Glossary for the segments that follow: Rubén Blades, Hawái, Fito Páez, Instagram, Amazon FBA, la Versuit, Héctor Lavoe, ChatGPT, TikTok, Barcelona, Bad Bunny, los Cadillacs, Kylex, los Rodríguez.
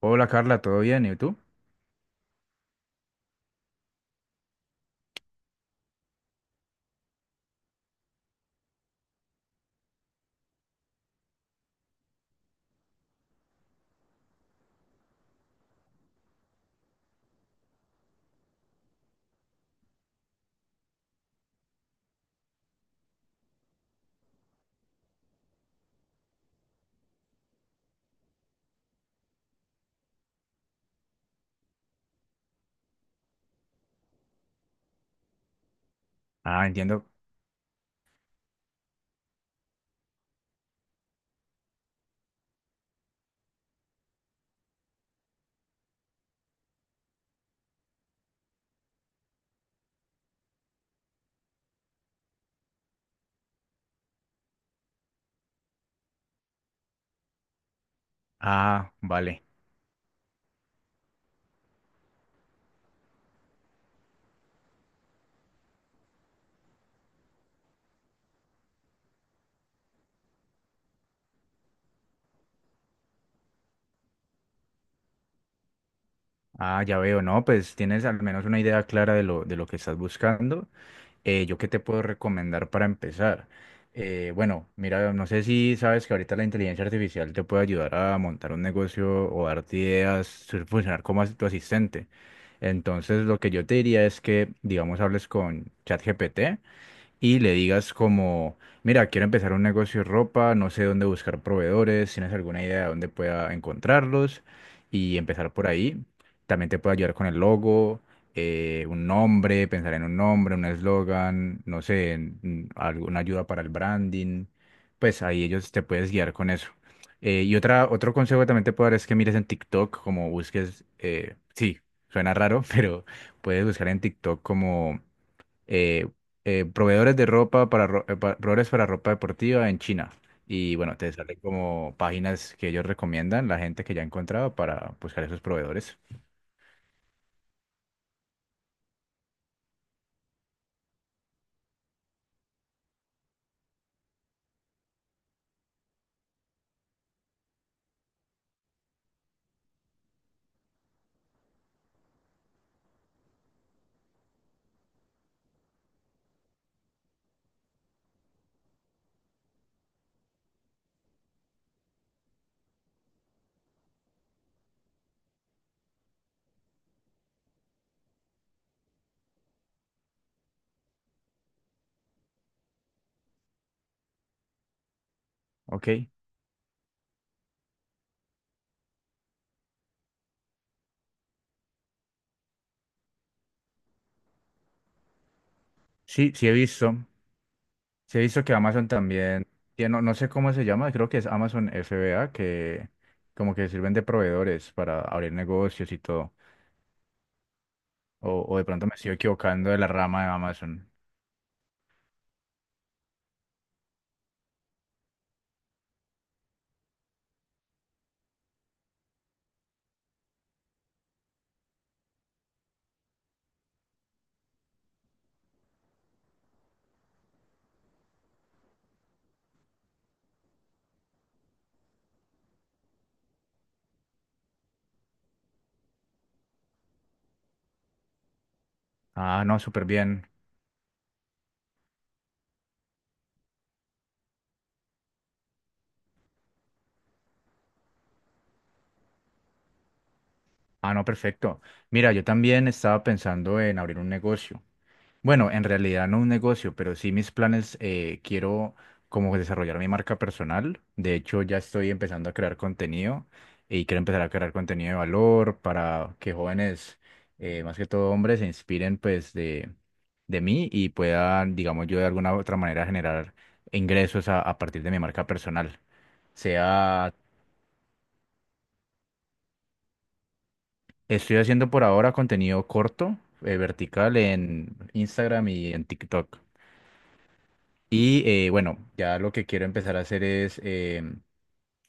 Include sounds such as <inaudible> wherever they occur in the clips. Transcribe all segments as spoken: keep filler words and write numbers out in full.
Hola Carla, ¿todo bien? ¿Y tú? Ah, entiendo. Ah, vale. Ah, ya veo. No, pues tienes al menos una idea clara de lo, de lo que estás buscando. Eh, ¿yo qué te puedo recomendar para empezar? Eh, bueno, Mira, no sé si sabes que ahorita la inteligencia artificial te puede ayudar a montar un negocio o darte ideas, su- funcionar como as- tu asistente. Entonces, lo que yo te diría es que, digamos, hables con ChatGPT y le digas como, mira, quiero empezar un negocio de ropa, no sé dónde buscar proveedores, tienes alguna idea de dónde pueda encontrarlos y empezar por ahí. También te puede ayudar con el logo, eh, un nombre, pensar en un nombre, un eslogan, no sé, en- en alguna ayuda para el branding. Pues ahí ellos te puedes guiar con eso. Eh, y otra, otro consejo que también te puedo dar es que mires en TikTok, como busques, eh, sí, suena raro, <laughs> pero puedes buscar en TikTok como eh, eh, proveedores de ropa para, ro- eh, pa- proveedores para ropa deportiva en China. Y bueno, te salen como páginas que ellos recomiendan, la gente que ya ha encontrado para buscar esos proveedores. Ok. Sí, sí he visto. Sí he visto que Amazon también tiene, no, no sé cómo se llama, creo que es Amazon F B A, que como que sirven de proveedores para abrir negocios y todo. O, o de pronto me estoy equivocando de la rama de Amazon. Ah, no, súper bien. Ah, no, perfecto. Mira, yo también estaba pensando en abrir un negocio. Bueno, en realidad no un negocio, pero sí mis planes, eh, quiero como desarrollar mi marca personal. De hecho, ya estoy empezando a crear contenido y quiero empezar a crear contenido de valor para que jóvenes, eh, más que todo hombres, se inspiren pues de, de mí y puedan, digamos yo, de alguna u otra manera generar ingresos a, a partir de mi marca personal. Sea, estoy haciendo por ahora contenido corto, eh, vertical en Instagram y en TikTok. Y eh, bueno, ya lo que quiero empezar a hacer es, em,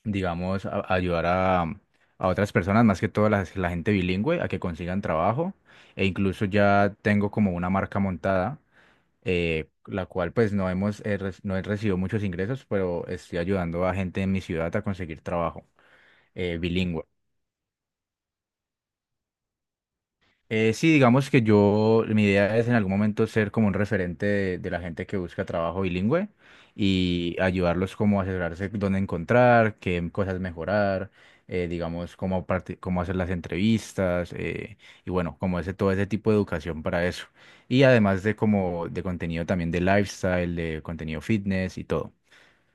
digamos, a- ayudar a, a otras personas, más que todo las- la gente bilingüe, a que consigan trabajo. E incluso ya tengo como una marca montada, eh, la cual pues no hemos, eh, re- no he recibido muchos ingresos, pero estoy ayudando a gente en mi ciudad a conseguir trabajo eh, bilingüe. Eh, sí, digamos que yo, mi idea es en algún momento ser como un referente de, de la gente que busca trabajo bilingüe y ayudarlos como a asesorarse dónde encontrar, qué cosas mejorar, eh, digamos, cómo, parti- cómo hacer las entrevistas, eh, y bueno, como ese, todo ese tipo de educación para eso. Y además de como de contenido también de lifestyle, de contenido fitness y todo,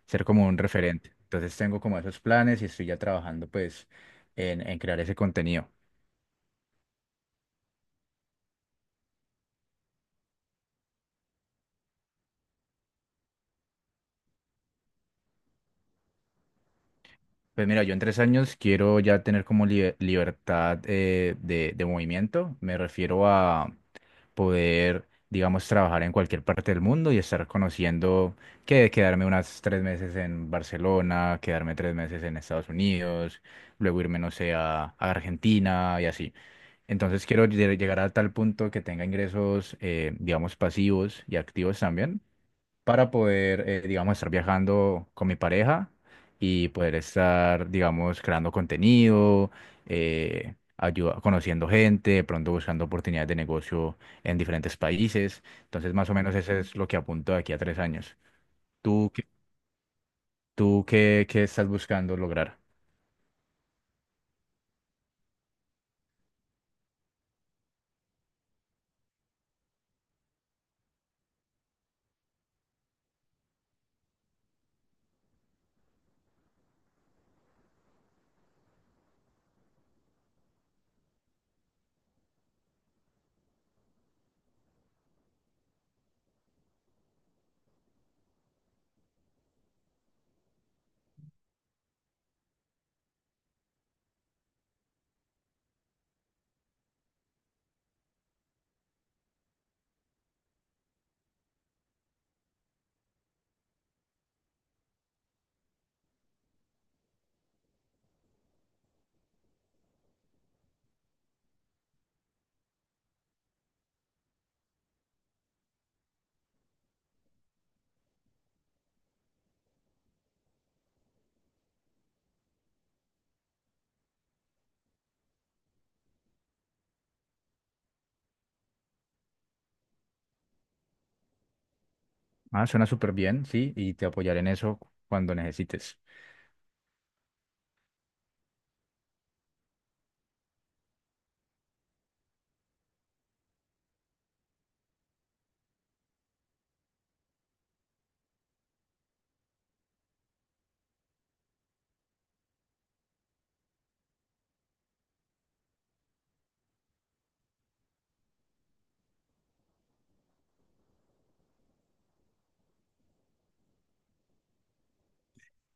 ser como un referente. Entonces tengo como esos planes y estoy ya trabajando pues en en crear ese contenido. Pues mira, yo en tres años quiero ya tener como libe- libertad, eh, de, de movimiento. Me refiero a poder, digamos, trabajar en cualquier parte del mundo y estar conociendo que quedarme unas tres meses en Barcelona, quedarme tres meses en Estados Unidos, luego irme, no sé, a, a Argentina y así. Entonces quiero lle- llegar a tal punto que tenga ingresos, eh, digamos, pasivos y activos también para poder, eh, digamos, estar viajando con mi pareja y poder estar, digamos, creando contenido, eh, ayuda- conociendo gente, de pronto buscando oportunidades de negocio en diferentes países. Entonces, más o menos eso es lo que apunto de aquí a tres años. ¿Tú, qué- Tú qué, ¿qué estás buscando lograr? Ah, suena súper bien, sí, y te apoyaré en eso cuando necesites.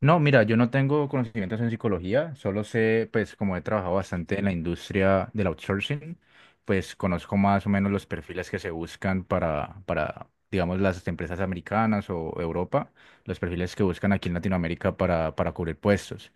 No, mira, yo no tengo conocimientos en psicología, solo sé, pues como he trabajado bastante en la industria del outsourcing, pues conozco más o menos los perfiles que se buscan para, para, digamos, las empresas americanas o Europa, los perfiles que buscan aquí en Latinoamérica para, para cubrir puestos.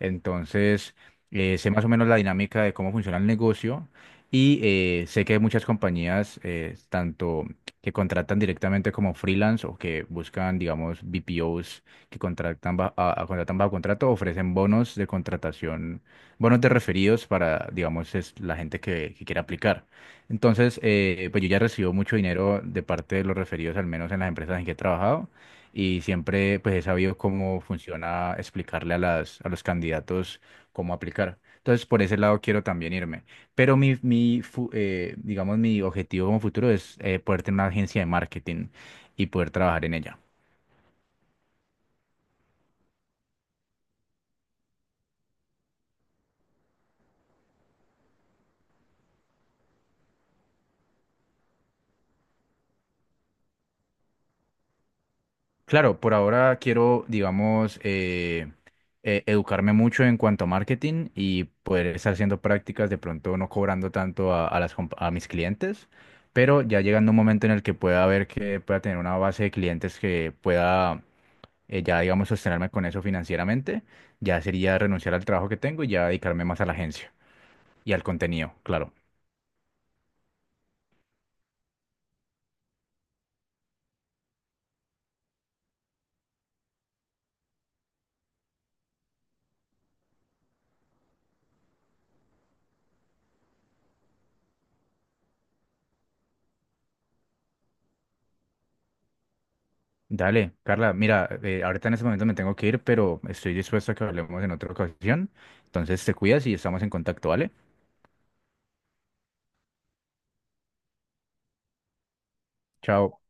Entonces, eh, sé más o menos la dinámica de cómo funciona el negocio y eh, sé que hay muchas compañías, eh, tanto que contratan directamente como freelance o que buscan, digamos, B P Os que contratan ba- a, a- contratan bajo contrato, ofrecen bonos de contratación, bonos de referidos para, digamos, es la gente que, que quiera aplicar. Entonces, eh, pues yo ya recibo mucho dinero de parte de los referidos, al menos en las empresas en que he trabajado, y siempre pues he sabido cómo funciona explicarle a las, a los candidatos cómo aplicar. Entonces, por ese lado quiero también irme. Pero mi, mi fu- eh, digamos, mi objetivo como futuro es, eh, poder tener una agencia de marketing y poder trabajar en ella. Claro, por ahora quiero, digamos, eh, eh, educarme mucho en cuanto a marketing y poder estar haciendo prácticas, de pronto no cobrando tanto a, a las, comp- a mis clientes, pero ya llegando un momento en el que pueda ver que pueda tener una base de clientes que pueda eh, ya, digamos, sostenerme con eso financieramente, ya sería renunciar al trabajo que tengo y ya dedicarme más a la agencia y al contenido, claro. Dale, Carla, mira, eh, ahorita en este momento me tengo que ir, pero estoy dispuesto a que hablemos en otra ocasión. Entonces te cuidas y estamos en contacto, ¿vale? Chao.